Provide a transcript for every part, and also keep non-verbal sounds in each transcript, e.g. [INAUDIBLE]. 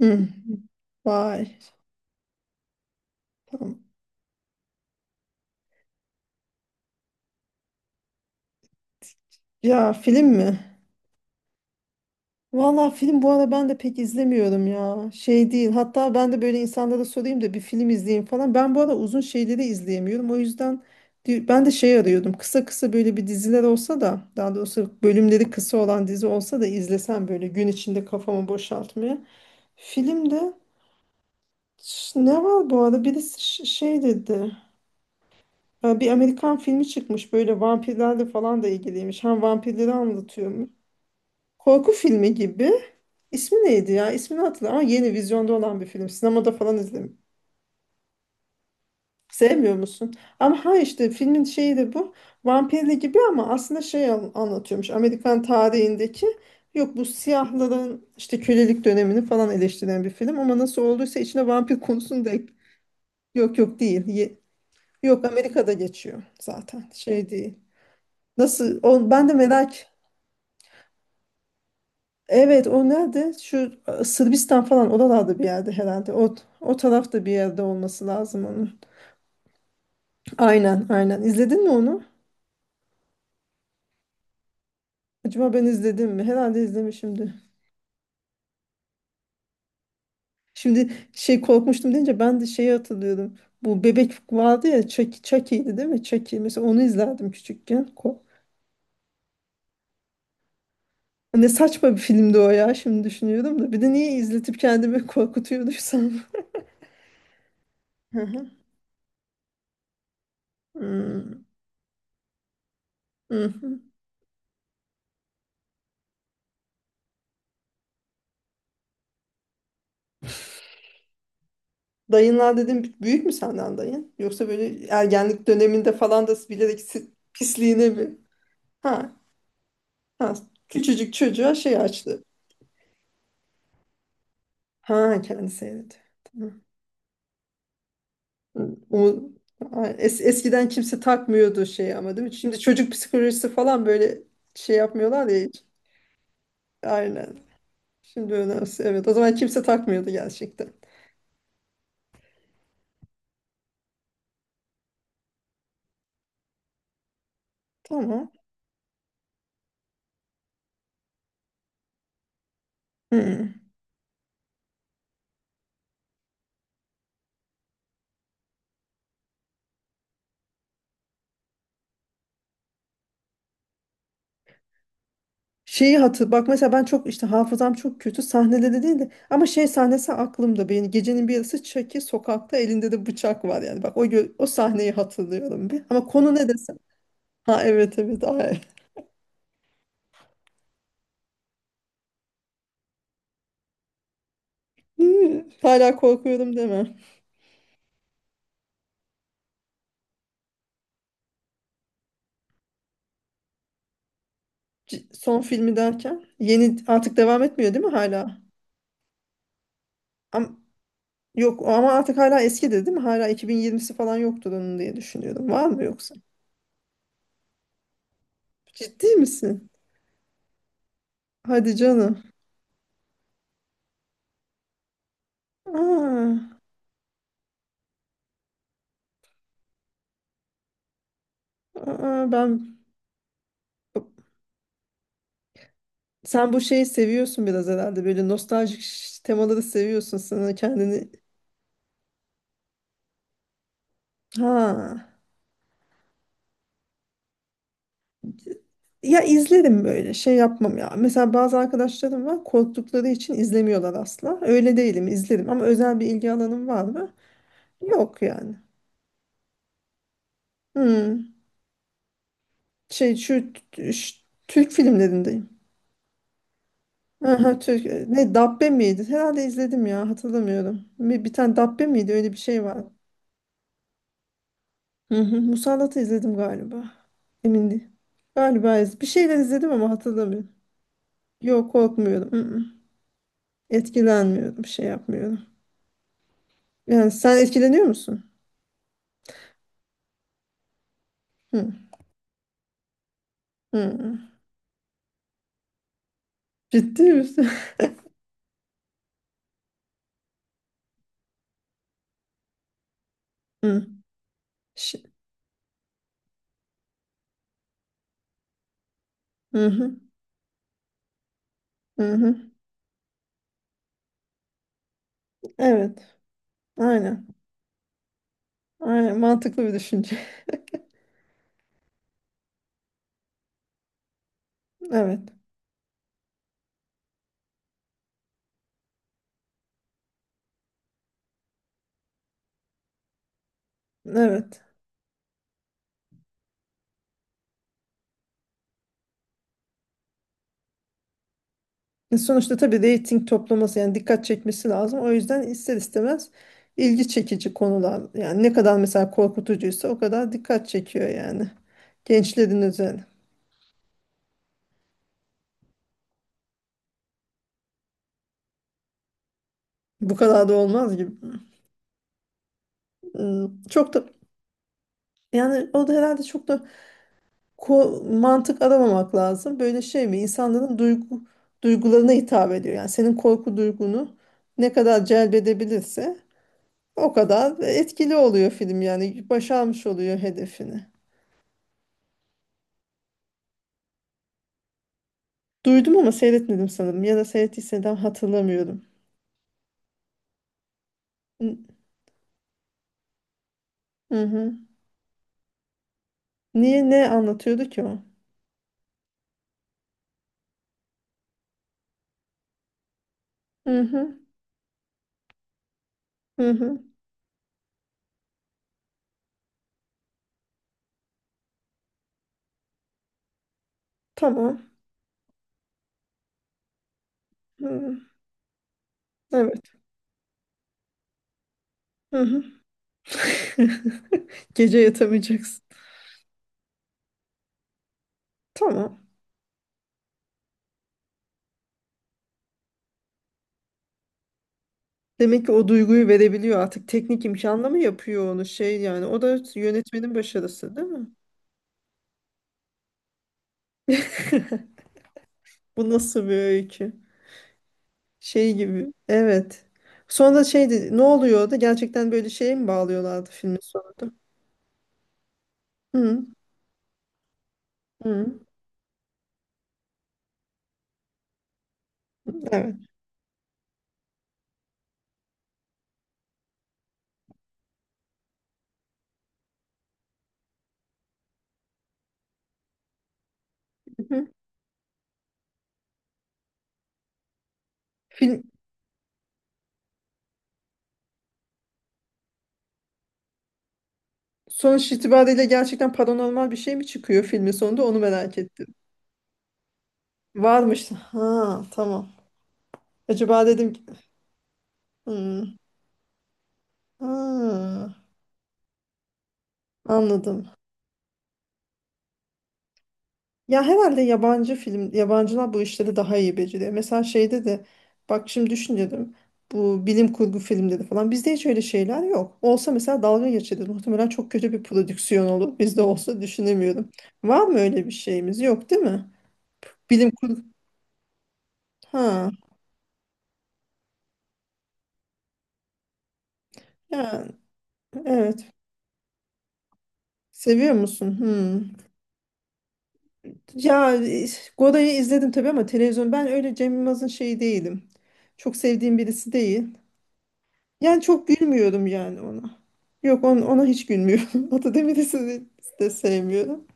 Hı. Vay. Tamam. Ya film mi? Valla film bu ara ben de pek izlemiyorum ya. Şey değil. Hatta ben de böyle insanlara sorayım da bir film izleyeyim falan. Ben bu ara uzun şeyleri izleyemiyorum. O yüzden ben de şey arıyordum. Kısa kısa böyle bir diziler olsa da, daha doğrusu bölümleri kısa olan dizi olsa da izlesem böyle gün içinde kafamı boşaltmaya. Filmde ne var bu arada? Birisi şey dedi. Ha, bir Amerikan filmi çıkmış, böyle vampirlerle falan da ilgiliymiş. Hem vampirleri anlatıyormuş. Korku filmi gibi. İsmi neydi ya? İsmini hatırlamıyorum ama yeni vizyonda olan bir film. Sinemada falan izledim. Sevmiyor musun? Ama ha, işte filmin şeyi de bu. Vampirli gibi ama aslında şey anlatıyormuş. Amerikan tarihindeki, yok, bu siyahların işte kölelik dönemini falan eleştiren bir film. Ama nasıl olduysa içine vampir konusunu da, yok yok, değil. Yok, Amerika'da geçiyor zaten. Şey değil. Nasıl? O, ben de merak. Evet, o nerede? Şu Sırbistan falan oralarda bir yerde herhalde. O, o tarafta bir yerde olması lazım onun. Aynen, aynen. İzledin mi onu? Acaba ben izledim mi? Herhalde izlemişimdir. Şimdi şey, korkmuştum deyince ben de şeyi hatırlıyorum. Bu bebek vardı ya, Chucky, Chucky'ydi değil mi? Chucky. Mesela onu izlerdim küçükken. Ne saçma bir filmdi o ya, şimdi düşünüyorum da. Bir de niye izletip kendimi korkutuyorduysam. [LAUGHS] Hı hı. Hmm. Hı hı. Dayınlar dedim, büyük mü senden dayın? Yoksa böyle ergenlik döneminde falan da bilerek pisliğine mi? Ha, ha. Küçücük çocuğa şey açtı. Ha, kendi seyredi. Tamam. O, eskiden kimse takmıyordu şeyi ama, değil mi? Şimdi çocuk psikolojisi falan böyle şey yapmıyorlar ya hiç. Aynen. Şimdi önemsiz. Evet. O zaman kimse takmıyordu gerçekten. Tamam. Hı. Şeyi hatır bak, mesela ben çok, işte hafızam çok kötü, sahneleri değil de ama şey sahnesi aklımda benim. Gecenin bir yarısı Chucky sokakta, elinde de bıçak var yani, bak o o sahneyi hatırlıyorum bir, ama konu ne desem, ha, evet evet, ay. [LAUGHS] Hala korkuyorum deme. Son filmi derken, yeni artık devam etmiyor değil mi hala? Am- Yok ama, artık hala eski de değil mi, hala 2020'si falan yoktur onun diye düşünüyorum, var mı yoksa? Ciddi misin? Hadi canım. Aa, aa, ben. Sen bu şeyi seviyorsun biraz herhalde. Böyle nostaljik temaları seviyorsun, sana kendini. Ha. Ya izlerim, böyle şey yapmam ya. Mesela bazı arkadaşlarım var, korktukları için izlemiyorlar asla. Öyle değilim, izlerim, ama özel bir ilgi alanım var mı? Yok yani. Hmm. Şey şu Türk filmlerindeyim. Aha, Türk, ne, Dabbe miydi? Herhalde izledim ya, hatırlamıyorum. Bir tane Dabbe miydi öyle bir şey var. Hı hı, Musallat'ı izledim galiba. Emin değil. Galiba bir şeyler izledim ama hatırlamıyorum. Yok, korkmuyorum. Hı hı. Etkilenmiyorum. Bir şey yapmıyorum. Yani sen etkileniyor musun? Hı. Hı, hı. Ciddi misin? [LAUGHS] Hı. Ş- Hı hı. Hı hı. Evet. Aynen. Aynen. Mantıklı bir düşünce. [LAUGHS] Evet. Evet. E, sonuçta tabii reyting toplaması yani, dikkat çekmesi lazım. O yüzden ister istemez ilgi çekici konular yani, ne kadar mesela korkutucuysa o kadar dikkat çekiyor yani. Gençlerin üzerine. Bu kadar da olmaz gibi. Çok da, yani o da herhalde çok da mantık aramamak lazım. Böyle şey mi, İnsanların duygularına hitap ediyor. Yani senin korku duygunu ne kadar celbedebilirse o kadar etkili oluyor film yani, başarmış oluyor hedefini. Duydum ama seyretmedim sanırım. Ya da seyrettiysem hatırlamıyorum. Hı hı, hı. Niye, ne anlatıyordu ki o? Hı hı. Hı hı. Tamam. Hı. Evet. Hı hı. [LAUGHS] Gece yatamayacaksın. Tamam. Demek ki o duyguyu verebiliyor artık. Teknik imkanla mı yapıyor onu şey yani. O da yönetmenin başarısı değil mi? Bu nasıl bir öykü? Şey gibi. Evet. Sonra şeydi, ne oluyordu? Gerçekten böyle şeye mi bağlıyorlardı filmin sonunda? Hı. Hı. Evet. Film, sonuç itibariyle gerçekten paranormal bir şey mi çıkıyor filmin sonunda, onu merak ettim. Varmış. Ha, tamam. Acaba dedim ki- hmm, ha, anladım. Ya herhalde yabancı film, yabancılar bu işleri daha iyi beceriyor. Mesela şeyde de, bak şimdi düşünüyorum. Bu bilim kurgu filmleri falan. Bizde hiç öyle şeyler yok. Olsa mesela dalga geçeriz. Muhtemelen çok kötü bir prodüksiyon olur. Bizde olsa düşünemiyorum. Var mı öyle bir şeyimiz? Yok değil mi? Bilim kurgu. Ha. Yani, evet. Seviyor musun? Hmm. Ya Gora'yı izledim tabii ama televizyon, ben öyle Cem Yılmaz'ın şeyi değilim. Çok sevdiğim birisi değil. Yani çok gülmüyorum yani ona. Yok, ona hiç gülmüyorum. [LAUGHS] Atademir'i de sevmiyorum.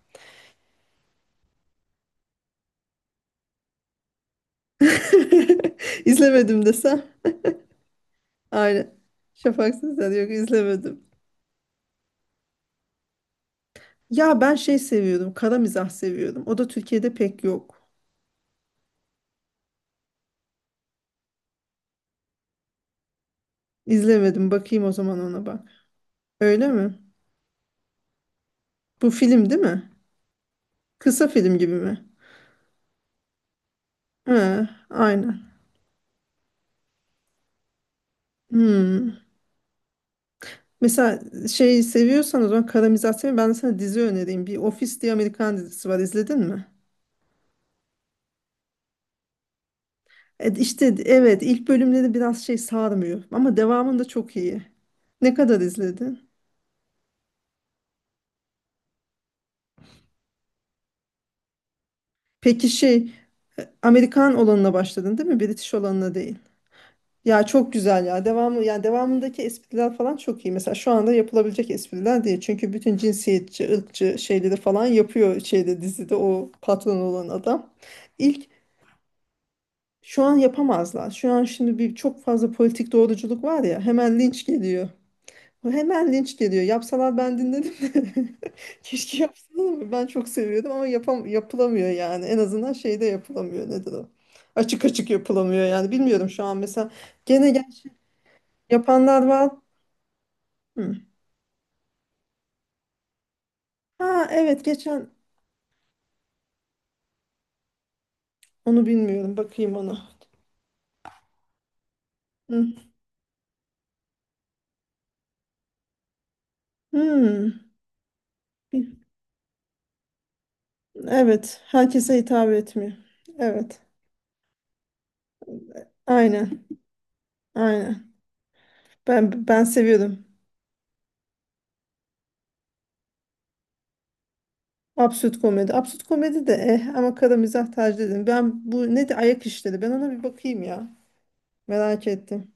[LAUGHS] İzlemedim desem. Aynen. Şafak Sezer, yok, izlemedim. Ya ben şey seviyordum, kara mizah seviyordum. O da Türkiye'de pek yok. İzlemedim. Bakayım o zaman ona, bak. Öyle mi? Bu film değil mi? Kısa film gibi mi? He, aynen. Hmm. Mesela şey seviyorsan, o zaman karamizasyon, ben sana dizi önereyim. Bir Office diye Amerikan dizisi var, izledin mi? E, işte evet, ilk bölümleri biraz şey sarmıyor ama devamında çok iyi. Ne kadar izledin? Peki şey, Amerikan olanına başladın değil mi? British olanına değil. Ya çok güzel ya. Devamı, yani devamındaki espriler falan çok iyi. Mesela şu anda yapılabilecek espriler değil. Çünkü bütün cinsiyetçi, ırkçı şeyleri falan yapıyor şeyde, dizide o patron olan adam. İlk Şu an yapamazlar. Şu an şimdi bir çok fazla politik doğruculuk var ya, hemen linç geliyor. Hemen linç geliyor. Yapsalar ben dinledim de. [LAUGHS] Keşke yapsalar, ama ben çok seviyordum, ama yapılamıyor yani. En azından şeyde yapılamıyor, nedir o? Açık açık yapılamıyor yani. Bilmiyorum, şu an mesela gene, gerçi yapanlar var. Hı. Ha, evet, geçen, onu bilmiyorum. Bakayım ona. Hı. Hmm. Evet, herkese hitap etmiyor. Evet, aynen, aynen. Ben seviyordum. Absürt komedi. Absürt komedi de eh, ama kara mizah tercih ederim. Ben bu ne, de ayak işleri. Ben ona bir bakayım ya. Merak ettim.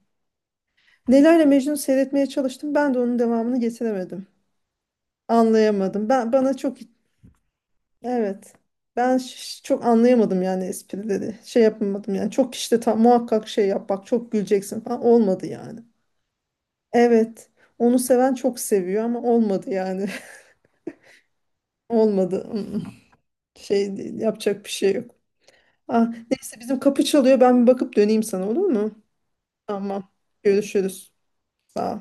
Leyla ile Mecnun seyretmeye çalıştım. Ben de onun devamını getiremedim. Anlayamadım. Ben, bana çok, evet. Ben çok anlayamadım yani esprileri. Şey yapamadım yani. Çok işte, tam muhakkak şey yap, bak çok güleceksin falan, olmadı yani. Evet. Onu seven çok seviyor ama olmadı yani. [LAUGHS] Olmadı. Mm, mm. Şey değil, yapacak bir şey yok. Ah, neyse, bizim kapı çalıyor. Ben bir bakıp döneyim sana, olur mu? Tamam. Görüşürüz. Sağ ol.